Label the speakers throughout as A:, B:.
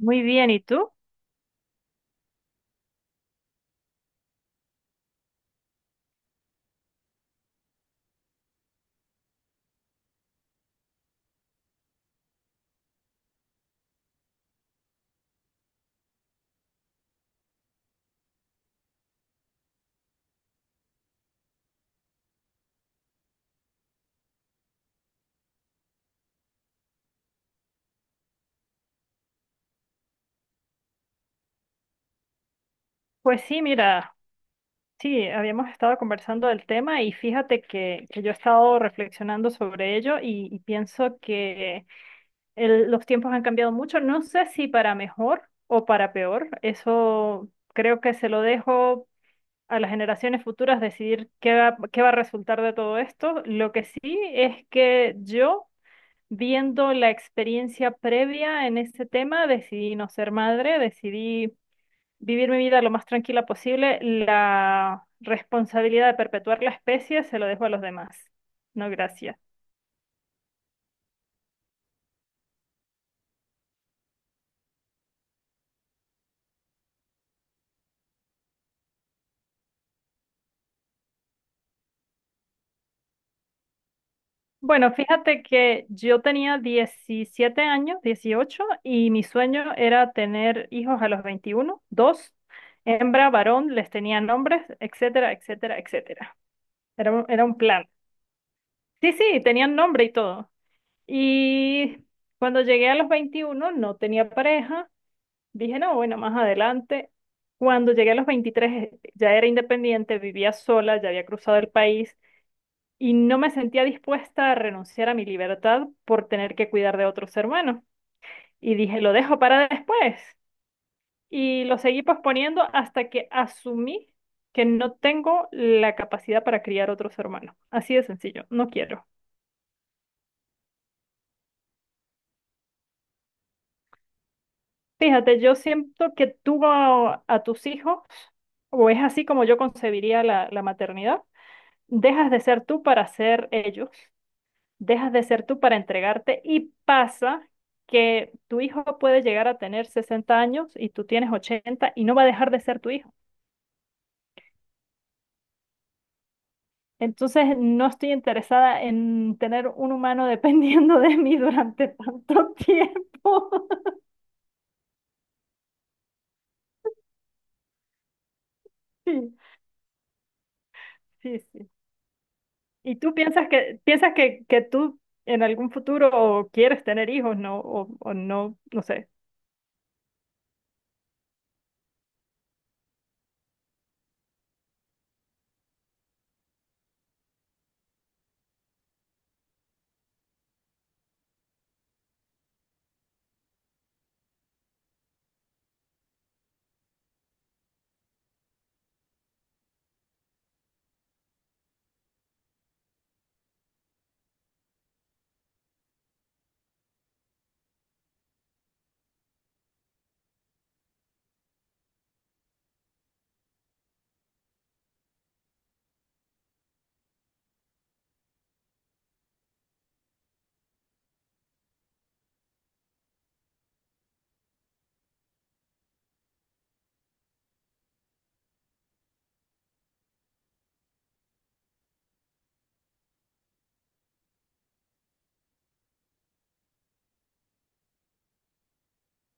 A: Muy bien, ¿y tú? Pues sí, mira, sí, habíamos estado conversando del tema y fíjate que yo he estado reflexionando sobre ello y pienso que los tiempos han cambiado mucho. No sé si para mejor o para peor. Eso creo que se lo dejo a las generaciones futuras decidir qué va a resultar de todo esto. Lo que sí es que yo, viendo la experiencia previa en ese tema, decidí no ser madre, decidí vivir mi vida lo más tranquila posible, la responsabilidad de perpetuar la especie se lo dejo a los demás. No, gracias. Bueno, fíjate que yo tenía 17 años, 18, y mi sueño era tener hijos a los 21, dos, hembra, varón, les tenían nombres, etcétera, etcétera, etcétera. Era un plan. Sí, sí, tenían nombre y todo. Y cuando llegué a los 21 no tenía pareja. Dije, no, bueno, más adelante. Cuando llegué a los 23, ya era independiente, vivía sola, ya había cruzado el país y no me sentía dispuesta a renunciar a mi libertad por tener que cuidar de otros hermanos. Y dije, lo dejo para después. Y lo seguí posponiendo hasta que asumí que no tengo la capacidad para criar otros hermanos. Así de sencillo, no quiero. Fíjate, yo siento que tú a tus hijos, o es así como yo concebiría la la maternidad, dejas de ser tú para ser ellos, dejas de ser tú para entregarte, y pasa que tu hijo puede llegar a tener 60 años y tú tienes 80 y no va a dejar de ser tu hijo. Entonces, no estoy interesada en tener un humano dependiendo de mí durante tanto tiempo. Sí, sí, sí. ¿Y tú piensas que tú en algún futuro quieres tener hijos, no? O no, no sé.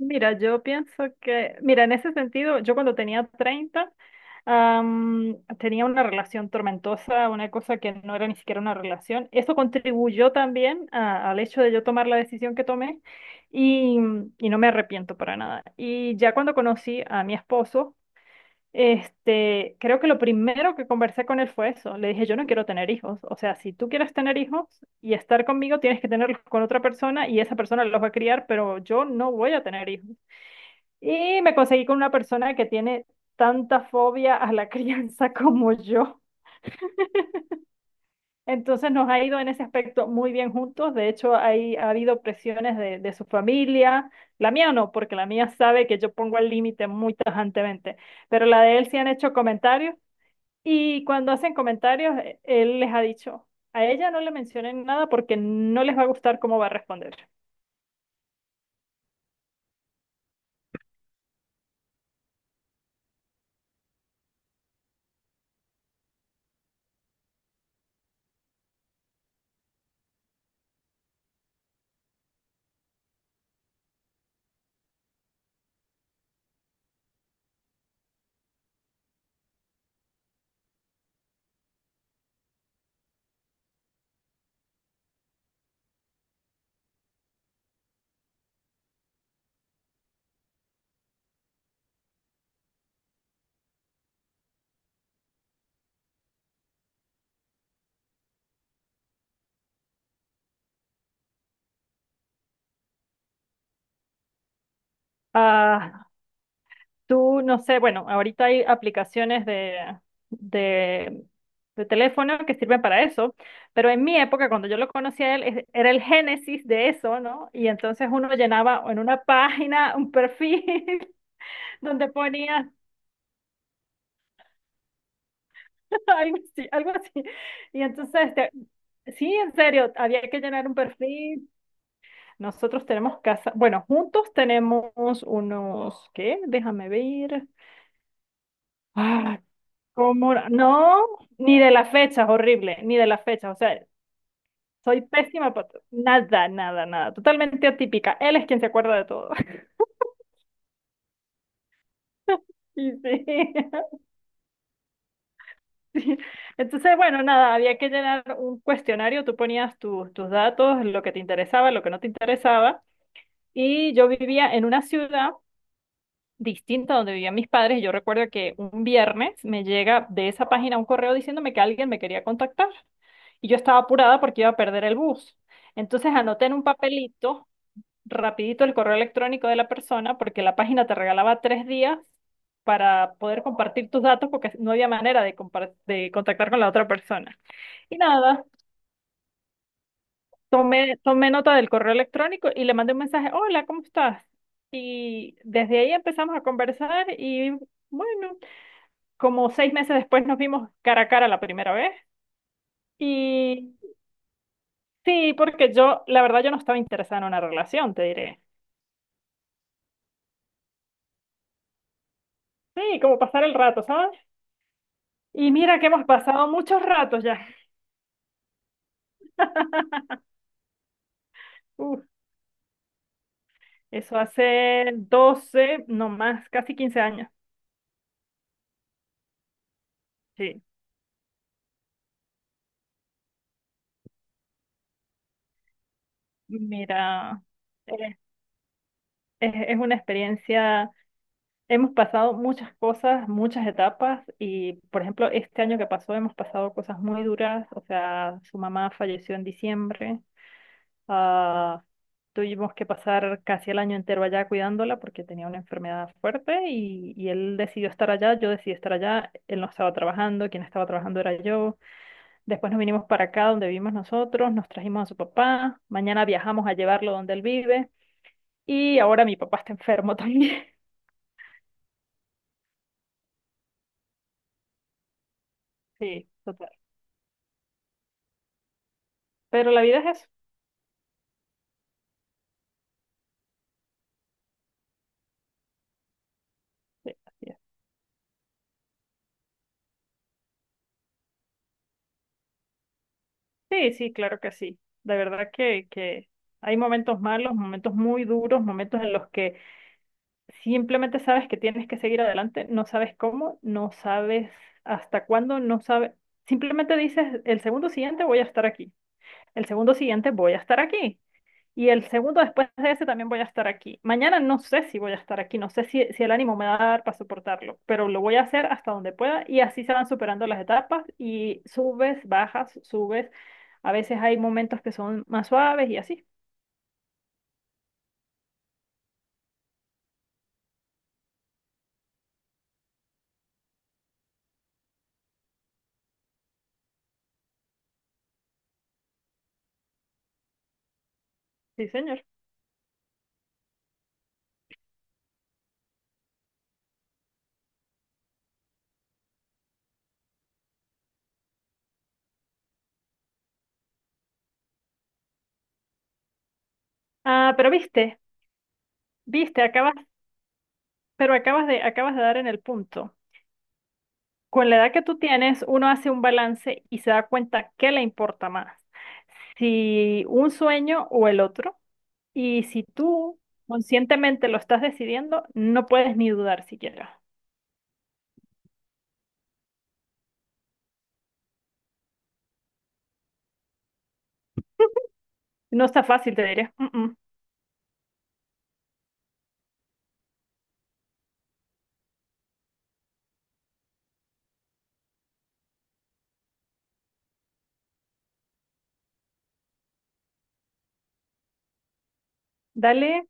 A: Mira, yo pienso que, mira, en ese sentido, yo cuando tenía 30, tenía una relación tormentosa, una cosa que no era ni siquiera una relación. Eso contribuyó también al hecho de yo tomar la decisión que tomé y, y no me arrepiento para nada. Y ya cuando conocí a mi esposo, este, creo que lo primero que conversé con él fue eso. Le dije, yo no quiero tener hijos. O sea, si tú quieres tener hijos y estar conmigo, tienes que tenerlos con otra persona y esa persona los va a criar, pero yo no voy a tener hijos. Y me conseguí con una persona que tiene tanta fobia a la crianza como yo. Entonces nos ha ido en ese aspecto muy bien juntos. De hecho, ha habido presiones de su familia. La mía no, porque la mía sabe que yo pongo el límite muy tajantemente. Pero la de él sí han hecho comentarios. Y cuando hacen comentarios, él les ha dicho, a ella no le mencionen nada porque no les va a gustar cómo va a responder. Ah, tú, no sé, bueno, ahorita hay aplicaciones de, de teléfono que sirven para eso, pero en mi época, cuando yo lo conocí a él, era el génesis de eso, ¿no? Y entonces uno llenaba en una página un perfil donde ponía algo así, algo así. Y entonces, este, sí, en serio, había que llenar un perfil. Nosotros tenemos casa, bueno, juntos tenemos unos, ¿qué? Déjame ver. Como, no, ni de las fechas, horrible, ni de las fechas. O sea, soy pésima para nada, nada, nada. Totalmente atípica. Él es quien se acuerda de todo. Y sí, sí. Entonces, bueno, nada, había que llenar un cuestionario. Tú ponías tus datos, lo que te interesaba, lo que no te interesaba. Y yo vivía en una ciudad distinta a donde vivían mis padres. Y yo recuerdo que un viernes me llega de esa página un correo diciéndome que alguien me quería contactar. Y yo estaba apurada porque iba a perder el bus. Entonces anoté en un papelito rapidito el correo electrónico de la persona porque la página te regalaba 3 días para poder compartir tus datos porque no había manera de contactar con la otra persona. Y nada, tomé nota del correo electrónico y le mandé un mensaje, hola, ¿cómo estás? Y desde ahí empezamos a conversar y bueno, como 6 meses después nos vimos cara a cara la primera vez. Sí, porque yo, la verdad, yo no estaba interesada en una relación, te diré. Sí, como pasar el rato, ¿sabes? Y mira que hemos pasado muchos ratos ya. Uf, eso hace 12, no más, casi 15 años. Sí, mira, eh, es una experiencia, hemos pasado muchas cosas, muchas etapas y, por ejemplo, este año que pasó hemos pasado cosas muy duras, o sea, su mamá falleció en diciembre. Ah, tuvimos que pasar casi el año entero allá cuidándola porque tenía una enfermedad fuerte y él decidió estar allá, yo decidí estar allá, él no estaba trabajando, quien estaba trabajando era yo. Después nos vinimos para acá donde vivimos nosotros, nos trajimos a su papá, mañana viajamos a llevarlo donde él vive y ahora mi papá está enfermo también. Sí, total. Pero la vida es eso. Sí, así es. Sí, sí, claro que sí. De verdad que hay momentos malos, momentos muy duros, momentos en los que simplemente sabes que tienes que seguir adelante, no sabes cómo, no sabes hasta cuándo, no sabes. Simplemente dices, el segundo siguiente voy a estar aquí, el segundo siguiente voy a estar aquí y el segundo después de ese también voy a estar aquí. Mañana no sé si voy a estar aquí, no sé si, si el ánimo me va a dar para soportarlo, pero lo voy a hacer hasta donde pueda y así se van superando las etapas y subes, bajas, subes. A veces hay momentos que son más suaves y así. Sí, señor. Ah, pero viste, viste, acabas Pero acabas de dar en el punto. Con la edad que tú tienes, uno hace un balance y se da cuenta qué le importa más, si un sueño o el otro. Y si tú conscientemente lo estás decidiendo, no puedes ni dudar siquiera. No está fácil, te diré. Mm, mm. Dale,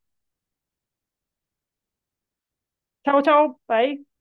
A: chao, chao, bye.